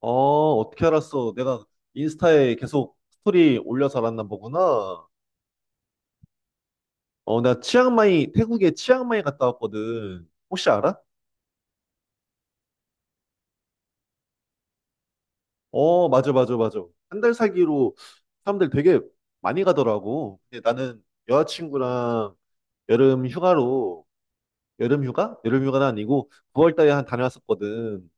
어떻게 알았어? 내가 인스타에 계속 스토리 올려서 알았나 보구나. 나 치앙마이, 태국에 치앙마이 갔다 왔거든. 혹시 알아? 어, 맞아, 맞아, 맞아. 한 달 살기로 사람들 되게 많이 가더라고. 근데 나는 여자친구랑 여름 휴가로, 여름 휴가? 여름 휴가는 아니고 9월 달에 한 다녀왔었거든.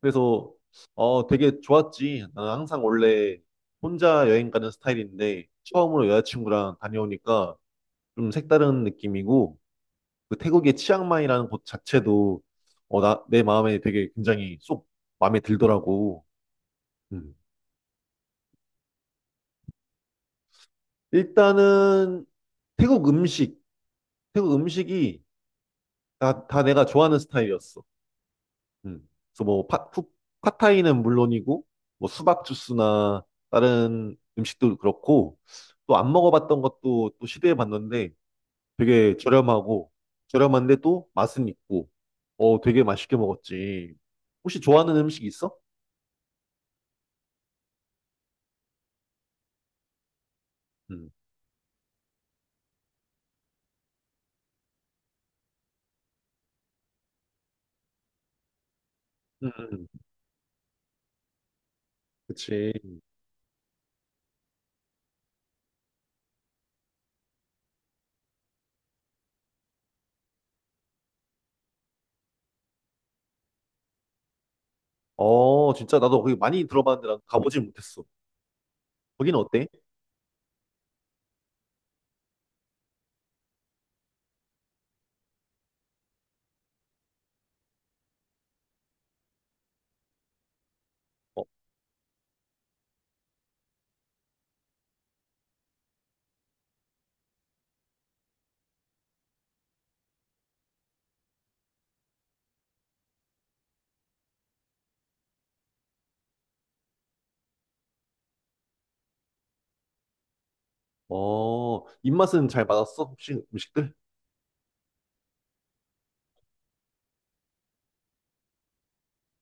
그래서, 되게 좋았지. 나는 항상 원래 혼자 여행 가는 스타일인데, 처음으로 여자친구랑 다녀오니까 좀 색다른 느낌이고 그 태국의 치앙마이라는 곳 자체도 내 마음에 되게 굉장히 쏙 마음에 들더라고. 음. 일단은 태국 음식, 태국 음식이 다 내가 좋아하는 스타일이었어. 음. 그래서 뭐 팟타이는 물론이고 뭐 수박 주스나 다른 음식도 그렇고 또 안 먹어봤던 것도 또 시도해봤는데 되게 저렴하고 저렴한데 또 맛은 있고 되게 맛있게 먹었지. 혹시 좋아하는 음식 있어? 음. 음, 음. 그치. 어, 진짜 나도 거기 많이 들어봤는데 난 가보진 못했어. 거기는 어때? 어, 입맛은 잘 맞았어? 혹시 음식들?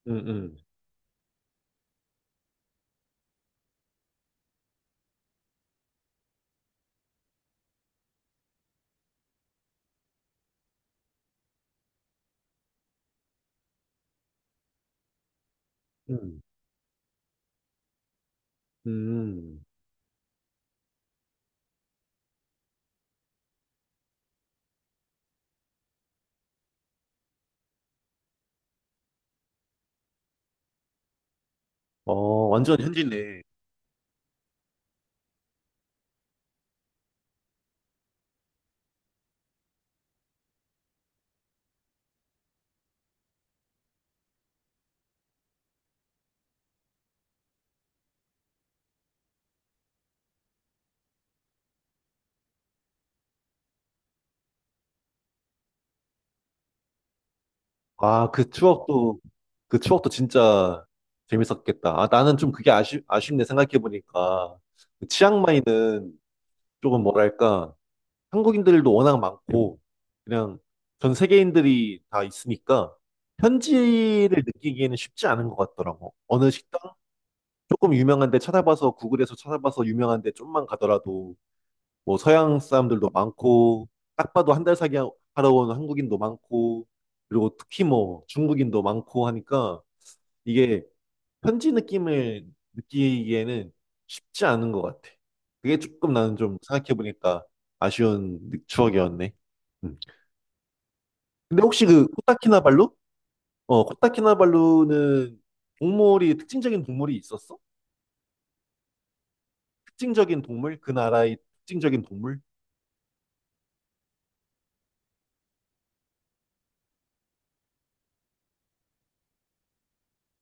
응, 응, 응, 응. 어, 완전 현지네. 아, 그 추억도, 그 추억도 진짜 재밌었겠다. 아, 나는 좀 그게 아쉽네, 생각해보니까. 그 치앙마이는 조금 뭐랄까, 한국인들도 워낙 많고 그냥 전 세계인들이 다 있으니까 현지를 느끼기에는 쉽지 않은 것 같더라고. 어느 식당 조금 유명한 데 찾아봐서 구글에서 찾아봐서 유명한 데 좀만 가더라도 뭐 서양 사람들도 많고 딱 봐도 한 달 사기 하러 온 한국인도 많고 그리고 특히 뭐 중국인도 많고 하니까 이게 편지 느낌을 느끼기에는 쉽지 않은 것 같아. 그게 조금 나는 좀 생각해보니까 추억이었네. 음. 근데 혹시 그 코타키나발루? 어, 코타키나발루는 동물이 특징적인 동물이 있었어? 특징적인 동물? 그 나라의 특징적인 동물?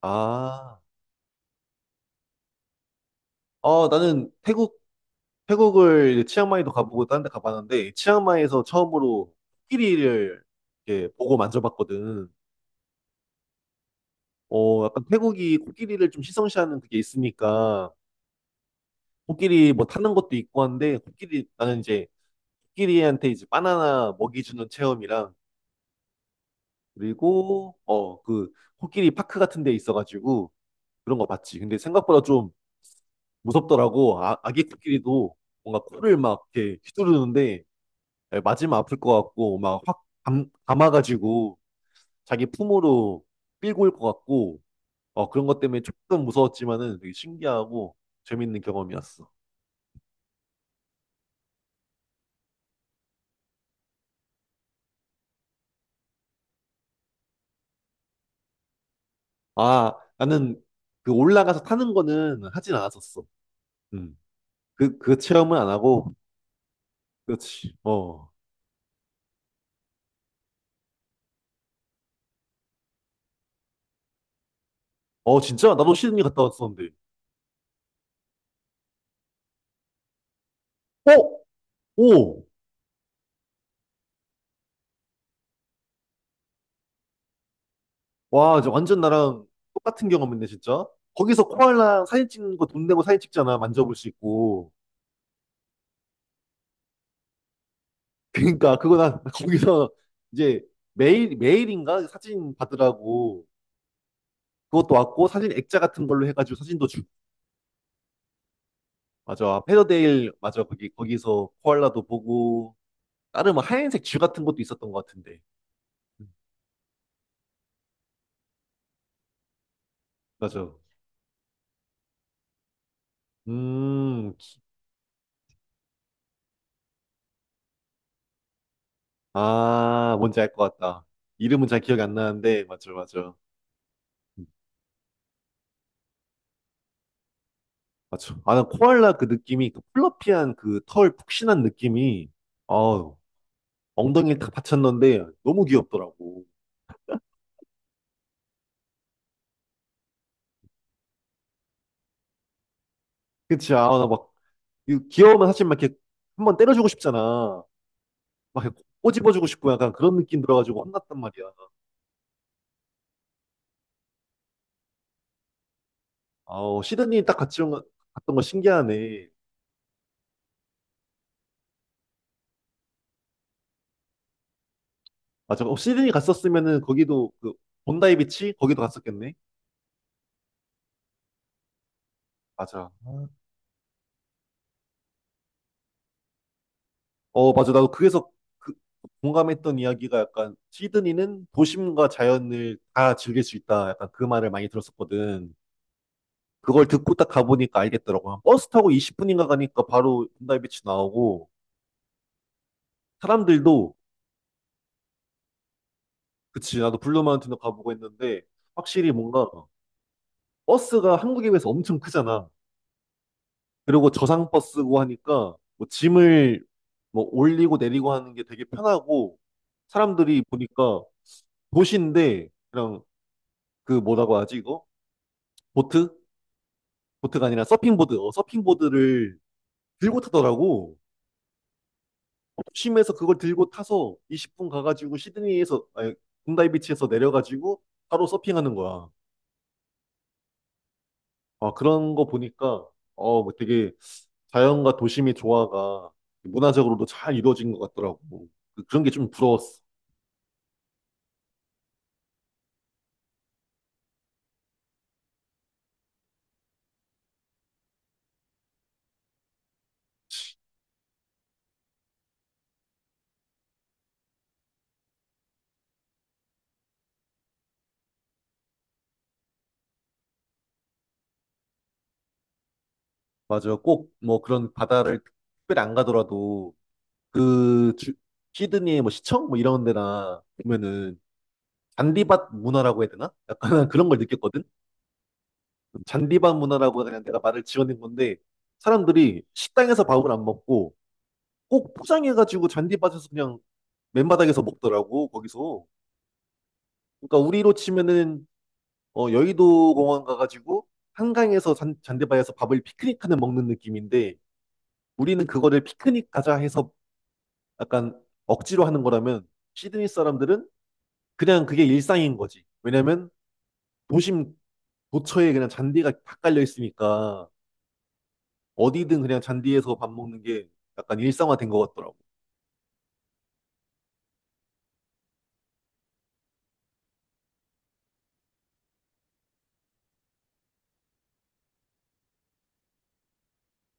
아, 나는 태국을 이제 치앙마이도 가보고 다른 데 가봤는데, 치앙마이에서 처음으로 코끼리를 이렇게 보고 만져봤거든. 어, 약간 태국이 코끼리를 좀 시성시하는 그게 있으니까, 코끼리 뭐 타는 것도 있고 한데, 코끼리한테 이제 바나나 먹이 주는 체험이랑, 그리고 코끼리 파크 같은 데 있어가지고, 그런 거 봤지. 근데 생각보다 좀 무섭더라고. 아, 아기 코끼리도 뭔가 코를 막 이렇게 휘두르는데, 맞으면 아플 것 같고, 막 확 감아가지고, 자기 품으로 끌고 올 것 같고, 그런 것 때문에 조금 무서웠지만은 되게 신기하고 재밌는 경험이었어. 아, 나는 그 올라가서 타는 거는 하진 않았었어. 음. 그, 그 체험은 안 하고, 그렇지. 어. 어, 진짜? 나도 시드니 갔다 왔었는데. 어? 오! 와, 이제 완전 나랑 똑같은 경험인데, 진짜? 거기서 코알라 사진 찍는 거 돈 내고 사진 찍잖아. 만져볼 수 있고. 그러니까, 그거 나 거기서 이제 매일, 매일인가? 사진 받으라고. 그것도 왔고, 사진 액자 같은 걸로 해가지고 사진도 주고 맞아. 페더데일, 맞아. 거기서 코알라도 보고, 다른 뭐 하얀색 줄 같은 것도 있었던 것 같은데. 음, 맞아. 음, 뭔지 알 것 같다. 이름은 잘 기억이 안 나는데, 맞아, 맞아. 음, 맞아. 아, 난 코알라 그 느낌이, 그 플러피한 그 털 푹신한 느낌이, 아우, 엉덩이에 딱 받쳤는데, 너무 귀엽더라고. 그치. 이 귀여우면 사실 막 이렇게 한 번 때려주고 싶잖아. 막 이렇게 꼬집어주고 싶고 약간 그런 느낌 들어가지고 혼났단 말이야. 시드니 딱 같이 갔던 거 신기하네. 맞아. 어, 시드니 갔었으면은 거기도 그 본다이 비치 거기도 갔었겠네. 맞아. 어, 맞아. 나도 그래서 그 공감했던 이야기가 약간 시드니는 도심과 자연을 다 즐길 수 있다. 약간 그 말을 많이 들었었거든. 그걸 듣고 딱 가보니까 알겠더라고. 버스 타고 20분인가 가니까 바로 본다이 비치 나오고 사람들도 그치. 나도 블루 마운틴도 가보고 했는데 확실히 뭔가 버스가 한국에 비해서 엄청 크잖아. 그리고 저상버 쓰고 하니까 뭐 짐을 뭐 올리고 내리고 하는 게 되게 편하고 사람들이 보니까 도시인데 그냥 그 뭐라고 하지 이거? 보트? 보트가 아니라 서핑보드. 어, 서핑보드를 들고 타더라고. 도심에서 그걸 들고 타서 20분 가가지고 시드니에서 아니, 군다이 비치에서 내려가지고 바로 서핑하는 거야. 아, 그런 거 보니까, 어, 뭐 되게 자연과 도심의 조화가 문화적으로도 잘 이루어진 것 같더라고. 그런 게 좀 부러웠어. 맞아. 꼭 뭐 그런 바다를 특별히 안 가더라도 그 주- 시드니의 뭐 시청 뭐 이런 데나 보면은 잔디밭 문화라고 해야 되나? 약간 그런 걸 느꼈거든. 잔디밭 문화라고 그냥 내가 말을 지어낸 건데 사람들이 식당에서 밥을 안 먹고 꼭 포장해가지고 잔디밭에서 그냥 맨바닥에서 먹더라고, 거기서. 그러니까 우리로 치면은 어, 여의도 공원 가가지고 한강에서 잔디바에서 밥을 피크닉하는 먹는 느낌인데 우리는 그거를 피크닉 가자 해서 약간 억지로 하는 거라면 시드니 사람들은 그냥 그게 일상인 거지. 왜냐면 도심 도처에 그냥 잔디가 다 깔려 있으니까 어디든 그냥 잔디에서 밥 먹는 게 약간 일상화된 것 같더라고.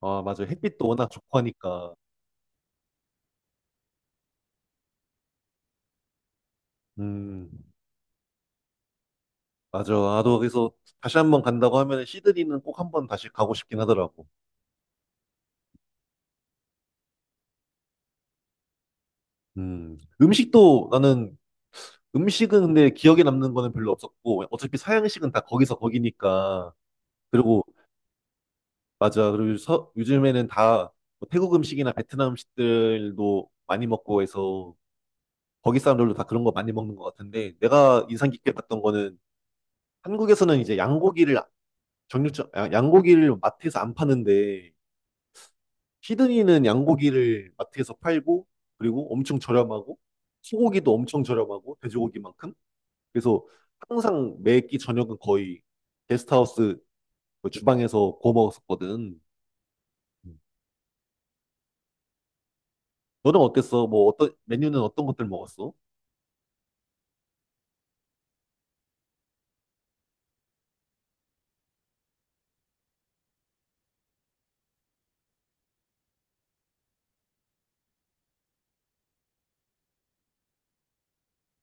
아, 맞아. 햇빛도 워낙 좋고 하니까. 음, 맞아. 나도 그래서 다시 한 번 간다고 하면 시드니는 꼭 한번 다시 가고 싶긴 하더라고. 음식도 나는 음식은 근데 기억에 남는 거는 별로 없었고 어차피 서양식은 다 거기서 거기니까 그리고 맞아 요즘에는 다뭐 태국 음식이나 베트남 음식들도 많이 먹고 해서 거기 사람들도 다 그런 거 많이 먹는 것 같은데 내가 인상 깊게 봤던 거는 한국에서는 이제 양고기를 정육점 양고기를 마트에서 안 파는데 시드니는 양고기를 마트에서 팔고 그리고 엄청 저렴하고 소고기도 엄청 저렴하고 돼지고기만큼 그래서 항상 매끼 저녁은 거의 게스트하우스 그 주방에서 구워 먹었었거든. 음. 너는 어땠어? 뭐 어떤 메뉴는 어떤 것들 먹었어?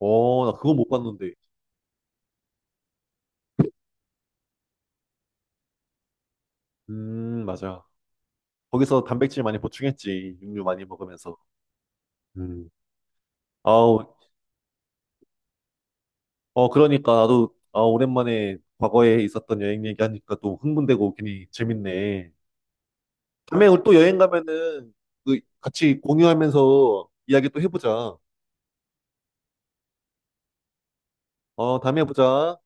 어, 나 그거 못 봤는데. 맞아. 거기서 단백질 많이 보충했지. 육류 많이 먹으면서. 음. 아우, 그러니까 나도 아, 오랜만에 과거에 있었던 여행 얘기하니까 또 흥분되고 괜히 재밌네. 다음에 우리 또 여행 가면은 그 같이 공유하면서 이야기 또 해보자. 어, 다음에 보자.